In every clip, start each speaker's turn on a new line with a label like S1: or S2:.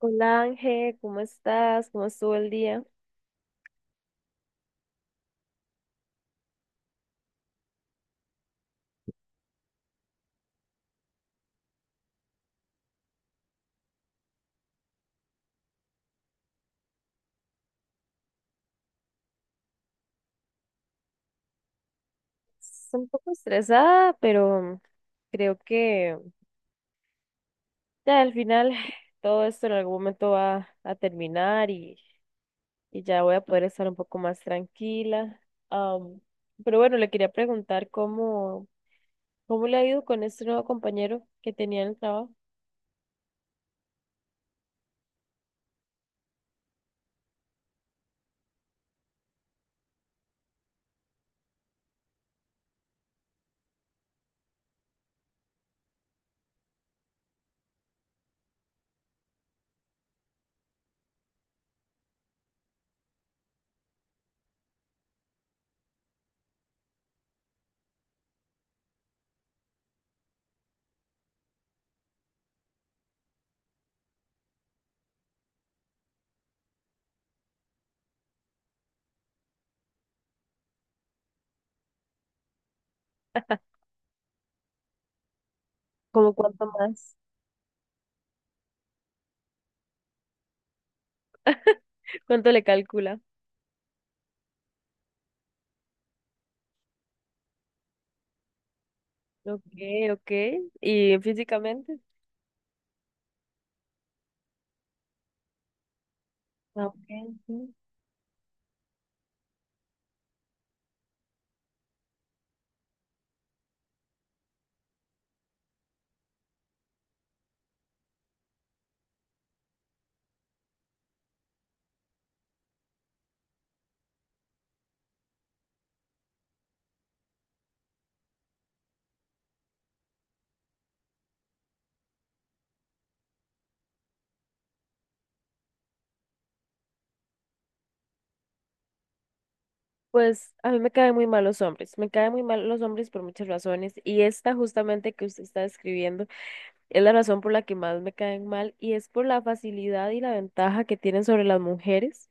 S1: Hola Ángel, ¿cómo estás? ¿Cómo estuvo el día? Estoy un poco estresada, pero creo que ya al final todo esto en algún momento va a terminar y ya voy a poder estar un poco más tranquila. Am, pero bueno, le quería preguntar cómo le ha ido con este nuevo compañero que tenía en el trabajo. ¿Cómo cuánto más? ¿Cuánto le calcula? Ok, ok. ¿Y físicamente? Ah, ok. Sí. Pues a mí me caen muy mal los hombres, me caen muy mal los hombres por muchas razones y esta justamente que usted está describiendo es la razón por la que más me caen mal y es por la facilidad y la ventaja que tienen sobre las mujeres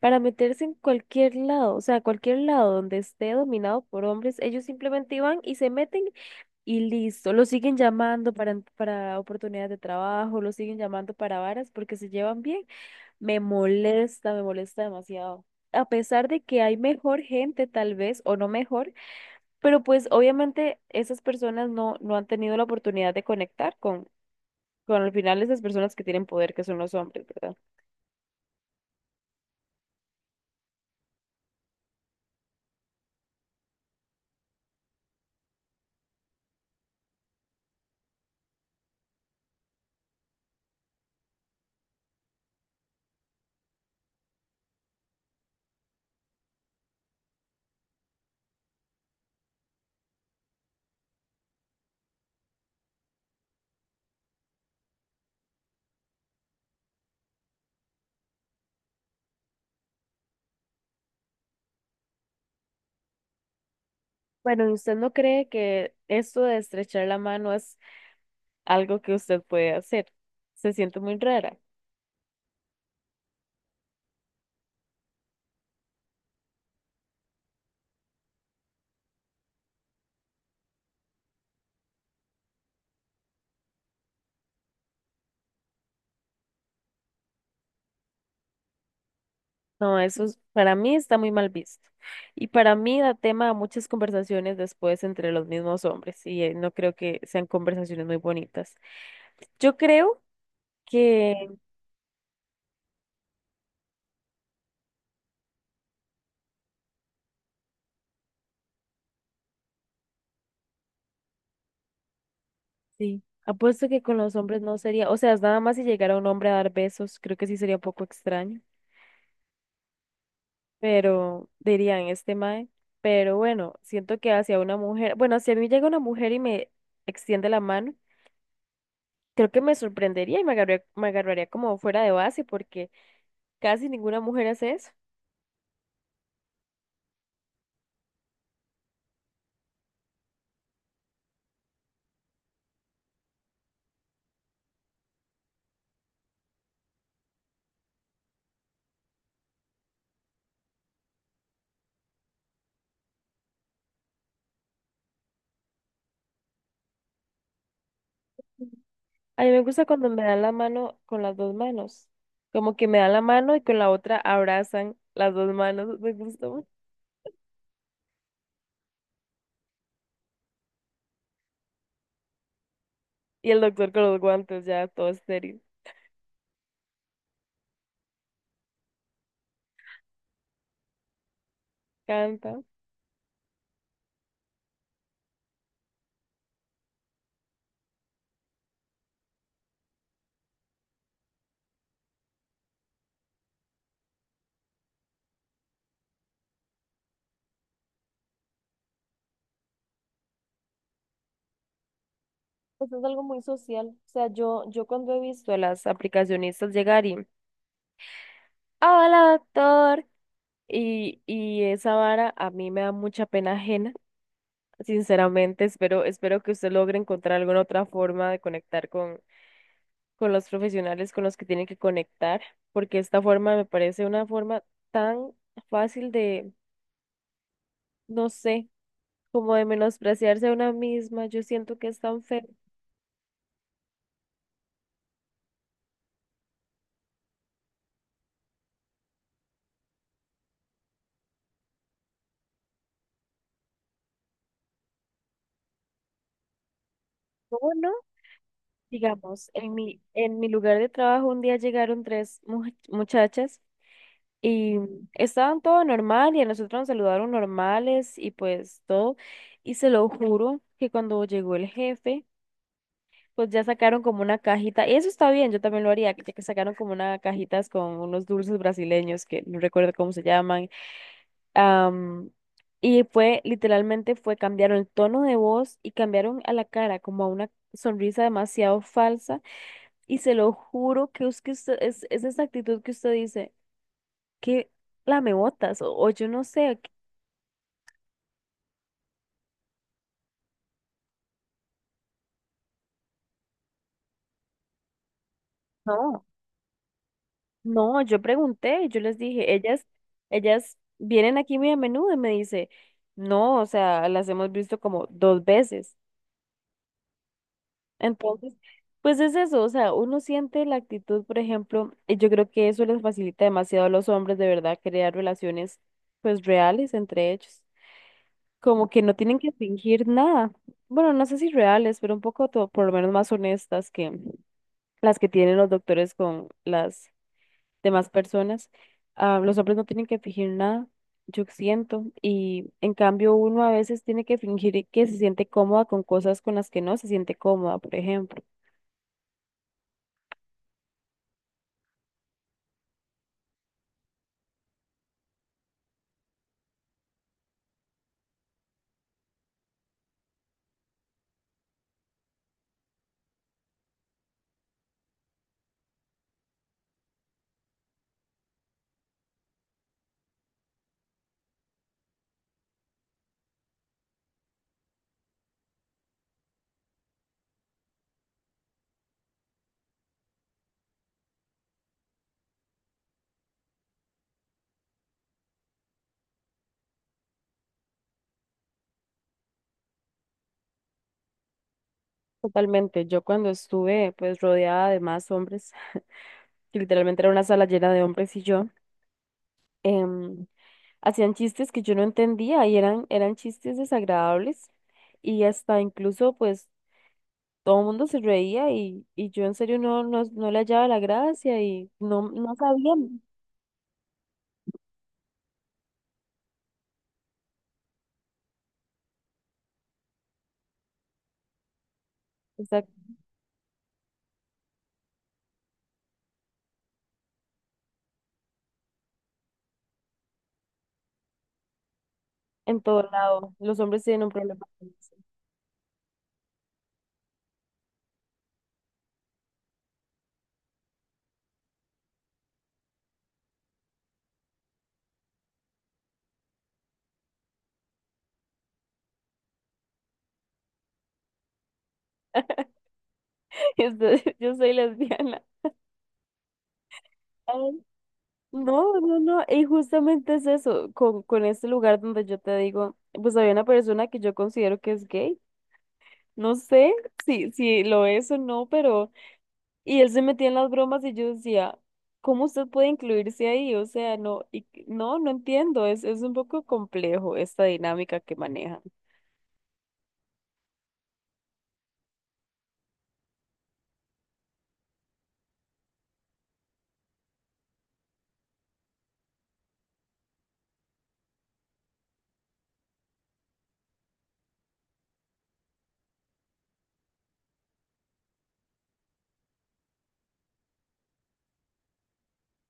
S1: para meterse en cualquier lado, o sea, cualquier lado donde esté dominado por hombres, ellos simplemente van y se meten y listo, lo siguen llamando para oportunidades de trabajo, lo siguen llamando para varas porque se llevan bien. Me molesta demasiado. A pesar de que hay mejor gente tal vez, o no mejor, pero pues obviamente esas personas no han tenido la oportunidad de conectar con al final esas personas que tienen poder, que son los hombres, ¿verdad? Bueno, ¿y usted no cree que esto de estrechar la mano es algo que usted puede hacer? Se siente muy rara. No, eso es- para mí está muy mal visto. Y para mí da tema a muchas conversaciones después entre los mismos hombres, y no creo que sean conversaciones muy bonitas. Yo creo que sí. Apuesto que con los hombres no sería, o sea, es nada más si llegara un hombre a dar besos, creo que sí sería un poco extraño, pero dirían este mae. Pero bueno, siento que hacia una mujer, bueno, si a mí llega una mujer y me extiende la mano, creo que me sorprendería y me agarraría como fuera de base porque casi ninguna mujer hace eso. A mí me gusta cuando me dan la mano con las dos manos, como que me dan la mano y con la otra abrazan las dos manos, me gusta mucho. Y el doctor con los guantes, ya todo estéril. Canta. Pues es algo muy social. O sea, yo cuando he visto a las aplicacionistas llegar hola doctor, y esa vara a mí me da mucha pena ajena. Sinceramente, espero que usted logre encontrar alguna otra forma de con los profesionales con los que tiene que conectar, porque esta forma me parece una forma tan fácil de, no sé, como de menospreciarse a una misma. Yo siento que es tan feo. ¿Cómo no? Digamos, en mi lugar de trabajo un día llegaron muchachas y estaban todo normal y a nosotros nos saludaron normales y pues todo. Y se lo juro que cuando llegó el jefe, pues ya sacaron como una cajita. Y eso está bien, yo también lo haría, que sacaron como una cajitas con unos dulces brasileños que no recuerdo cómo se llaman. am, y fue, literalmente fue, cambiaron el tono de voz y cambiaron a la cara como a una sonrisa demasiado falsa y se lo juro que es que usted, es esa actitud que usted dice, que la me botas, o yo no sé, que- no, no, yo pregunté, yo les dije, ellas vienen aquí muy a menudo y me dice, no, o sea, las hemos visto como 2 veces. Entonces, pues es eso, o sea, uno siente la actitud, por ejemplo, y yo creo que eso les facilita demasiado a los hombres de verdad crear relaciones pues reales entre ellos. Como que no tienen que fingir nada. Bueno, no sé si reales, pero un poco to- por lo menos más honestas que las que tienen los doctores con las demás personas. Ah, los hombres no tienen que fingir nada, yo siento, y en cambio uno a veces tiene que fingir que se siente cómoda con cosas con las que no se siente cómoda, por ejemplo. Totalmente, yo cuando estuve pues rodeada de más hombres, que literalmente era una sala llena de hombres y yo. em, Hacían chistes que yo no entendía y eran chistes desagradables y hasta incluso pues todo el mundo se reía y yo en serio no le hallaba la gracia y no sabía, o sea, en todo lado, los hombres tienen un problema con eso. Entonces, yo soy lesbiana. Ay, no, y justamente es eso, con este lugar donde yo te digo, pues había una persona que yo considero que es gay, no sé si lo es o no, pero... Y él se metía en las bromas y yo decía, ¿cómo usted puede incluirse ahí? O sea, no, y, no, no entiendo, es un poco complejo esta dinámica que manejan.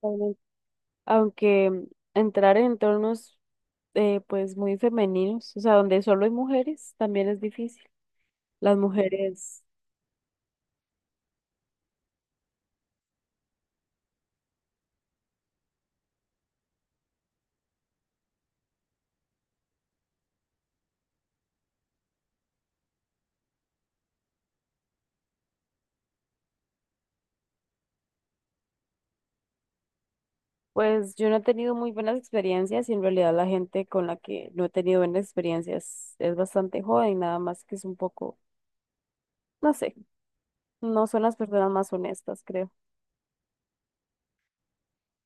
S1: Totalmente. Aunque entrar en entornos pues muy femeninos, o sea, donde solo hay mujeres, también es difícil. Las mujeres, pues yo no he tenido muy buenas experiencias y en realidad la gente con la que no he tenido buenas experiencias es bastante joven, nada más que es un poco, no sé, no son las personas más honestas, creo.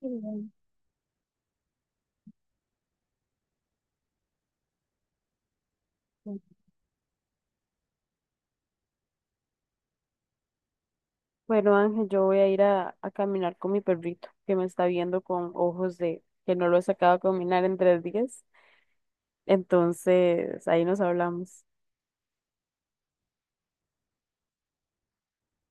S1: Mm, sí. Bueno, Ángel, yo voy a ir a caminar con mi perrito que me está viendo con ojos de que no lo he sacado a caminar en 3 días. Entonces, ahí nos hablamos.